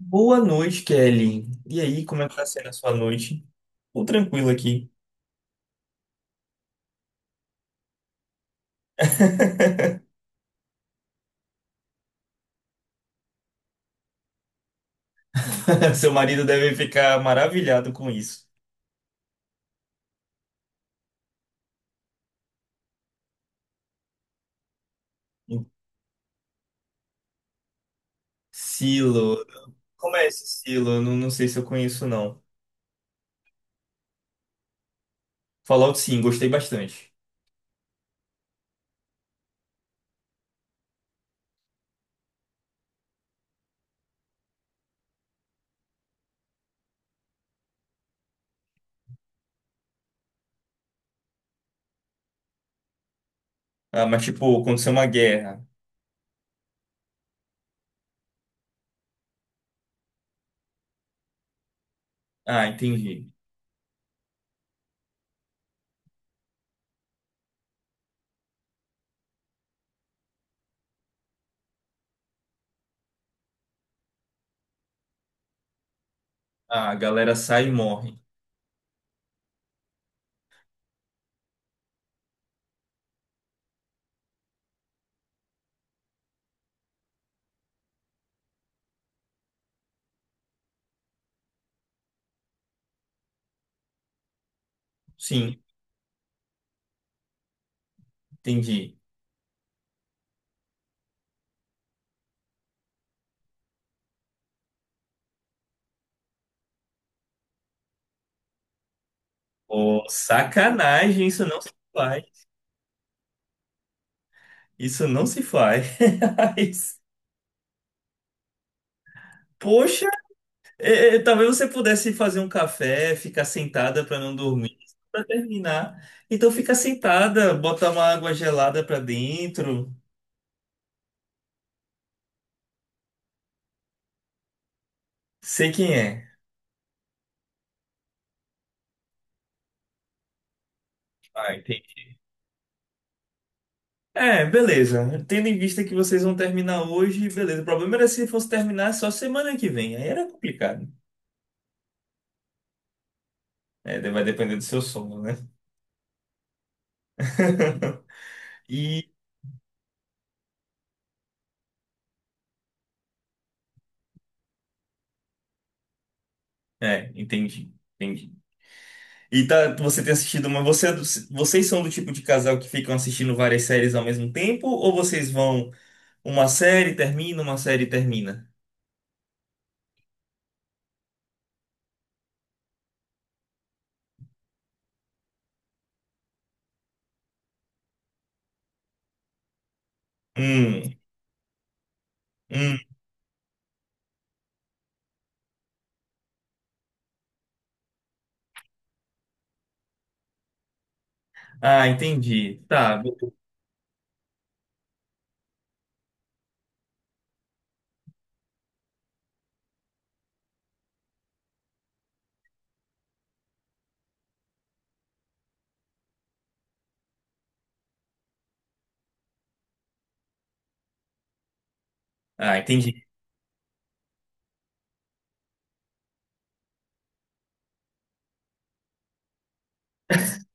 Boa noite, Kelly. E aí, como é que tá sendo a sua noite? Tô tranquilo aqui. Seu marido deve ficar maravilhado com isso. Silo. Como é esse Silo? Eu não, não sei se eu conheço, não. Fallout, sim, gostei bastante. Ah, mas tipo, aconteceu uma guerra. Ah, entendi. Ah, a galera sai e morre. Sim, entendi. Oh, sacanagem, isso não se faz. Isso não se faz. Poxa, É, talvez você pudesse fazer um café, ficar sentada para não dormir, para terminar. Então fica sentada, bota uma água gelada para dentro. Sei quem é. Ah, entendi. É, beleza. Tendo em vista que vocês vão terminar hoje, beleza. O problema era se fosse terminar só semana que vem. Aí era complicado. É, vai depender do seu sono, né? E, entendi, entendi. E tá, você tem assistido, mas você, vocês são do tipo de casal que ficam assistindo várias séries ao mesmo tempo? Ou vocês vão Uma série termina, uma série termina. Hum, hum. Ah, entendi. Tá, beleza. Ah, entendi.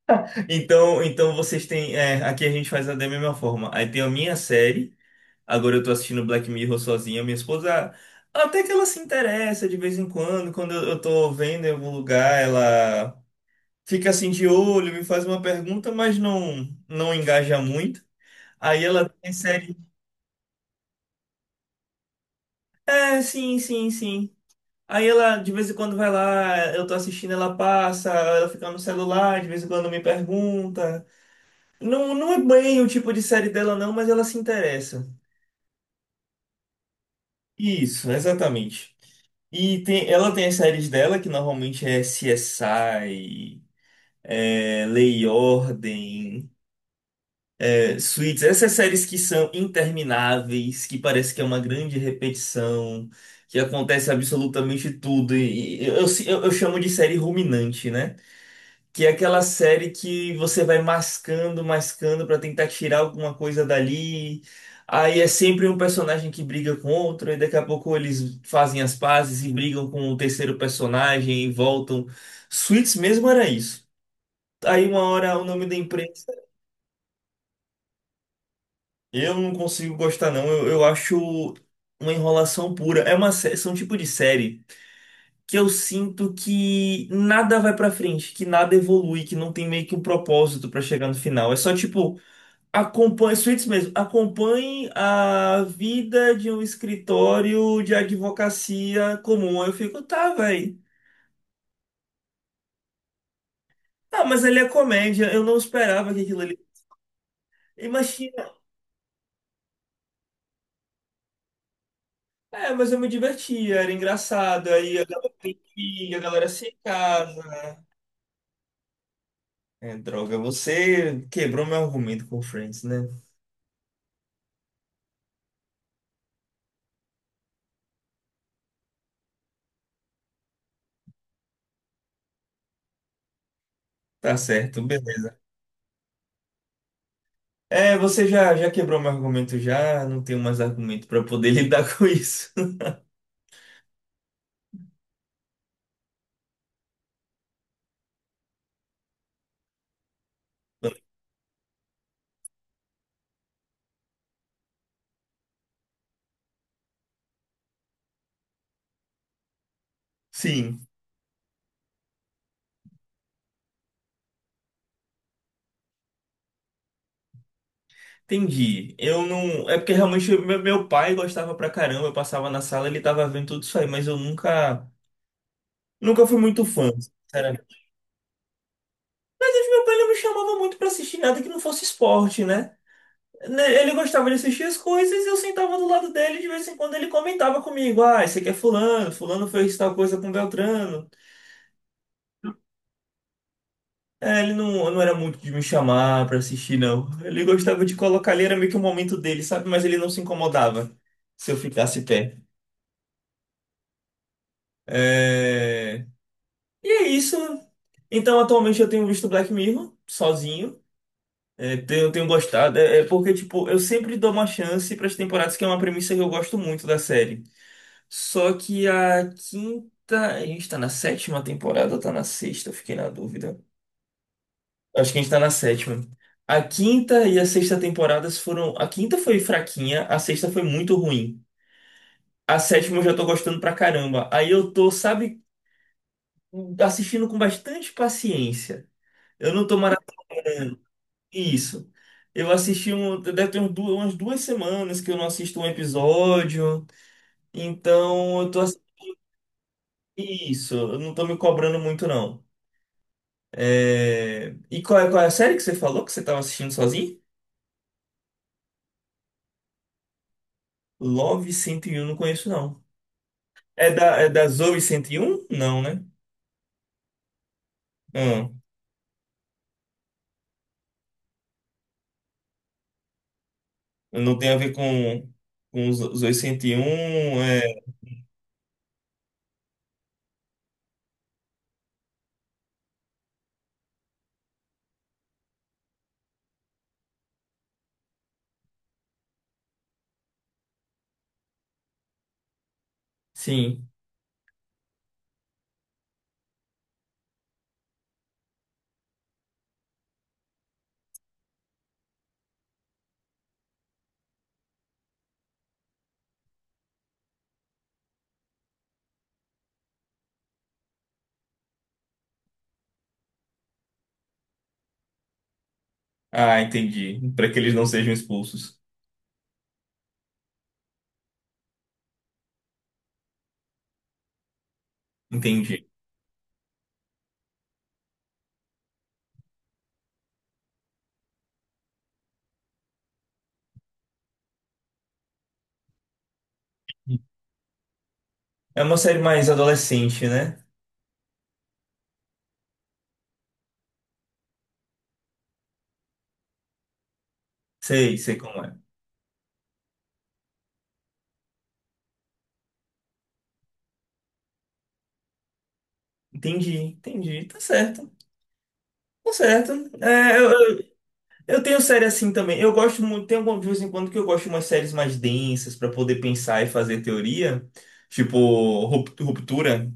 Então, vocês têm. É, aqui a gente faz da mesma forma. Aí tem a minha série. Agora eu tô assistindo Black Mirror sozinha. Minha esposa. Até que ela se interessa de vez em quando. Quando eu tô vendo em algum lugar, ela fica assim de olho, me faz uma pergunta, mas não, não engaja muito. Aí ela tem série. É, sim, sim, sim. Aí ela de vez em quando vai lá, eu tô assistindo, ela passa, ela fica no celular, de vez em quando me pergunta. Não, não é bem o tipo de série dela não, mas ela se interessa. Isso, exatamente. E ela tem as séries dela, que normalmente é CSI, Lei e Ordem, Suits, essas séries que são intermináveis, que parece que é uma grande repetição, que acontece absolutamente tudo. E eu chamo de série ruminante, né? Que é aquela série que você vai mascando, mascando pra tentar tirar alguma coisa dali. Aí é sempre um personagem que briga com outro, e daqui a pouco eles fazem as pazes e brigam com o terceiro personagem e voltam. Suits mesmo era isso. Aí uma hora o nome da empresa. Eu não consigo gostar, não. Eu acho uma enrolação pura. É são um tipo de série que eu sinto que nada vai pra frente, que nada evolui, que não tem meio que um propósito pra chegar no final. É só tipo. Acompanhe, Suítes mesmo, acompanhe a vida de um escritório de advocacia comum. Eu fico, tá, velho. Ah, mas ele é comédia, eu não esperava que aquilo ali. Imagina, mas eu me divertia, era engraçado. Aí a galera tem filho, a galera se casa. É, droga, você quebrou meu argumento com Friends, né? Tá certo, beleza. É, você já quebrou meu argumento já, não tenho mais argumento pra poder lidar com isso. Sim. Entendi. Eu não. É porque realmente meu pai gostava pra caramba, eu passava na sala, ele tava vendo tudo isso aí, mas eu nunca. Nunca fui muito fã, sinceramente. Mas meu pai não me chamava muito pra assistir nada que não fosse esporte, né? Né, Ele gostava de assistir as coisas e eu sentava do lado dele e de vez em quando ele comentava comigo: Ah, esse aqui é Fulano, Fulano fez tal coisa com Beltrano. É, ele não, não era muito de me chamar pra assistir, não. Ele gostava de colocar ali, era meio que o momento dele, sabe? Mas ele não se incomodava se eu ficasse pé. É, E é isso. Então, atualmente eu tenho visto Black Mirror sozinho. Tenho gostado. É porque, tipo, eu sempre dou uma chance para as temporadas, que é uma premissa que eu gosto muito da série. Só que a quinta. A gente tá na sétima temporada ou tá na sexta? Eu fiquei na dúvida. Acho que a gente tá na sétima. A quinta e a sexta temporadas foram. A quinta foi fraquinha, a sexta foi muito ruim. A sétima eu já tô gostando pra caramba. Aí eu tô, sabe, assistindo com bastante paciência. Eu não tô maratonando. Isso. Eu assisti um, deve ter umas duas semanas que eu não assisto um episódio, então eu tô assistindo isso, eu não tô me cobrando muito não. E qual é a série que você falou que você tava assistindo sozinho? Love cento e um, não conheço não. É da Zoe cento e um? Não, né? Hum, não tem a ver com os Zoe 101, é... Sim. Ah, entendi. Para que eles não sejam expulsos. Entendi. É uma série mais adolescente, né? Sei, sei como é. Entendi, entendi. Tá certo. Tá certo. É, eu tenho série assim também. Eu gosto muito, tem algum de vez em quando que eu gosto de umas séries mais densas pra poder pensar e fazer teoria, tipo Ruptura.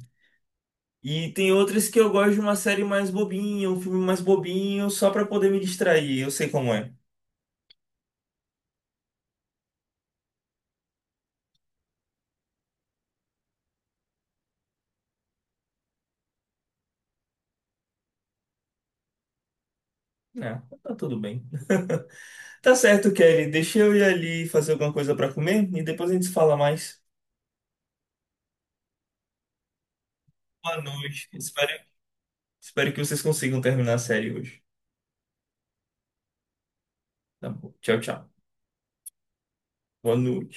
E tem outras que eu gosto de uma série mais bobinha, um filme mais bobinho, só pra poder me distrair. Eu sei como é. Não, tá tudo bem. Tá certo, Kelly. Deixa eu ir ali fazer alguma coisa pra comer e depois a gente se fala mais. Boa noite. Espero que vocês consigam terminar a série hoje. Tá bom. Tchau, tchau. Boa noite.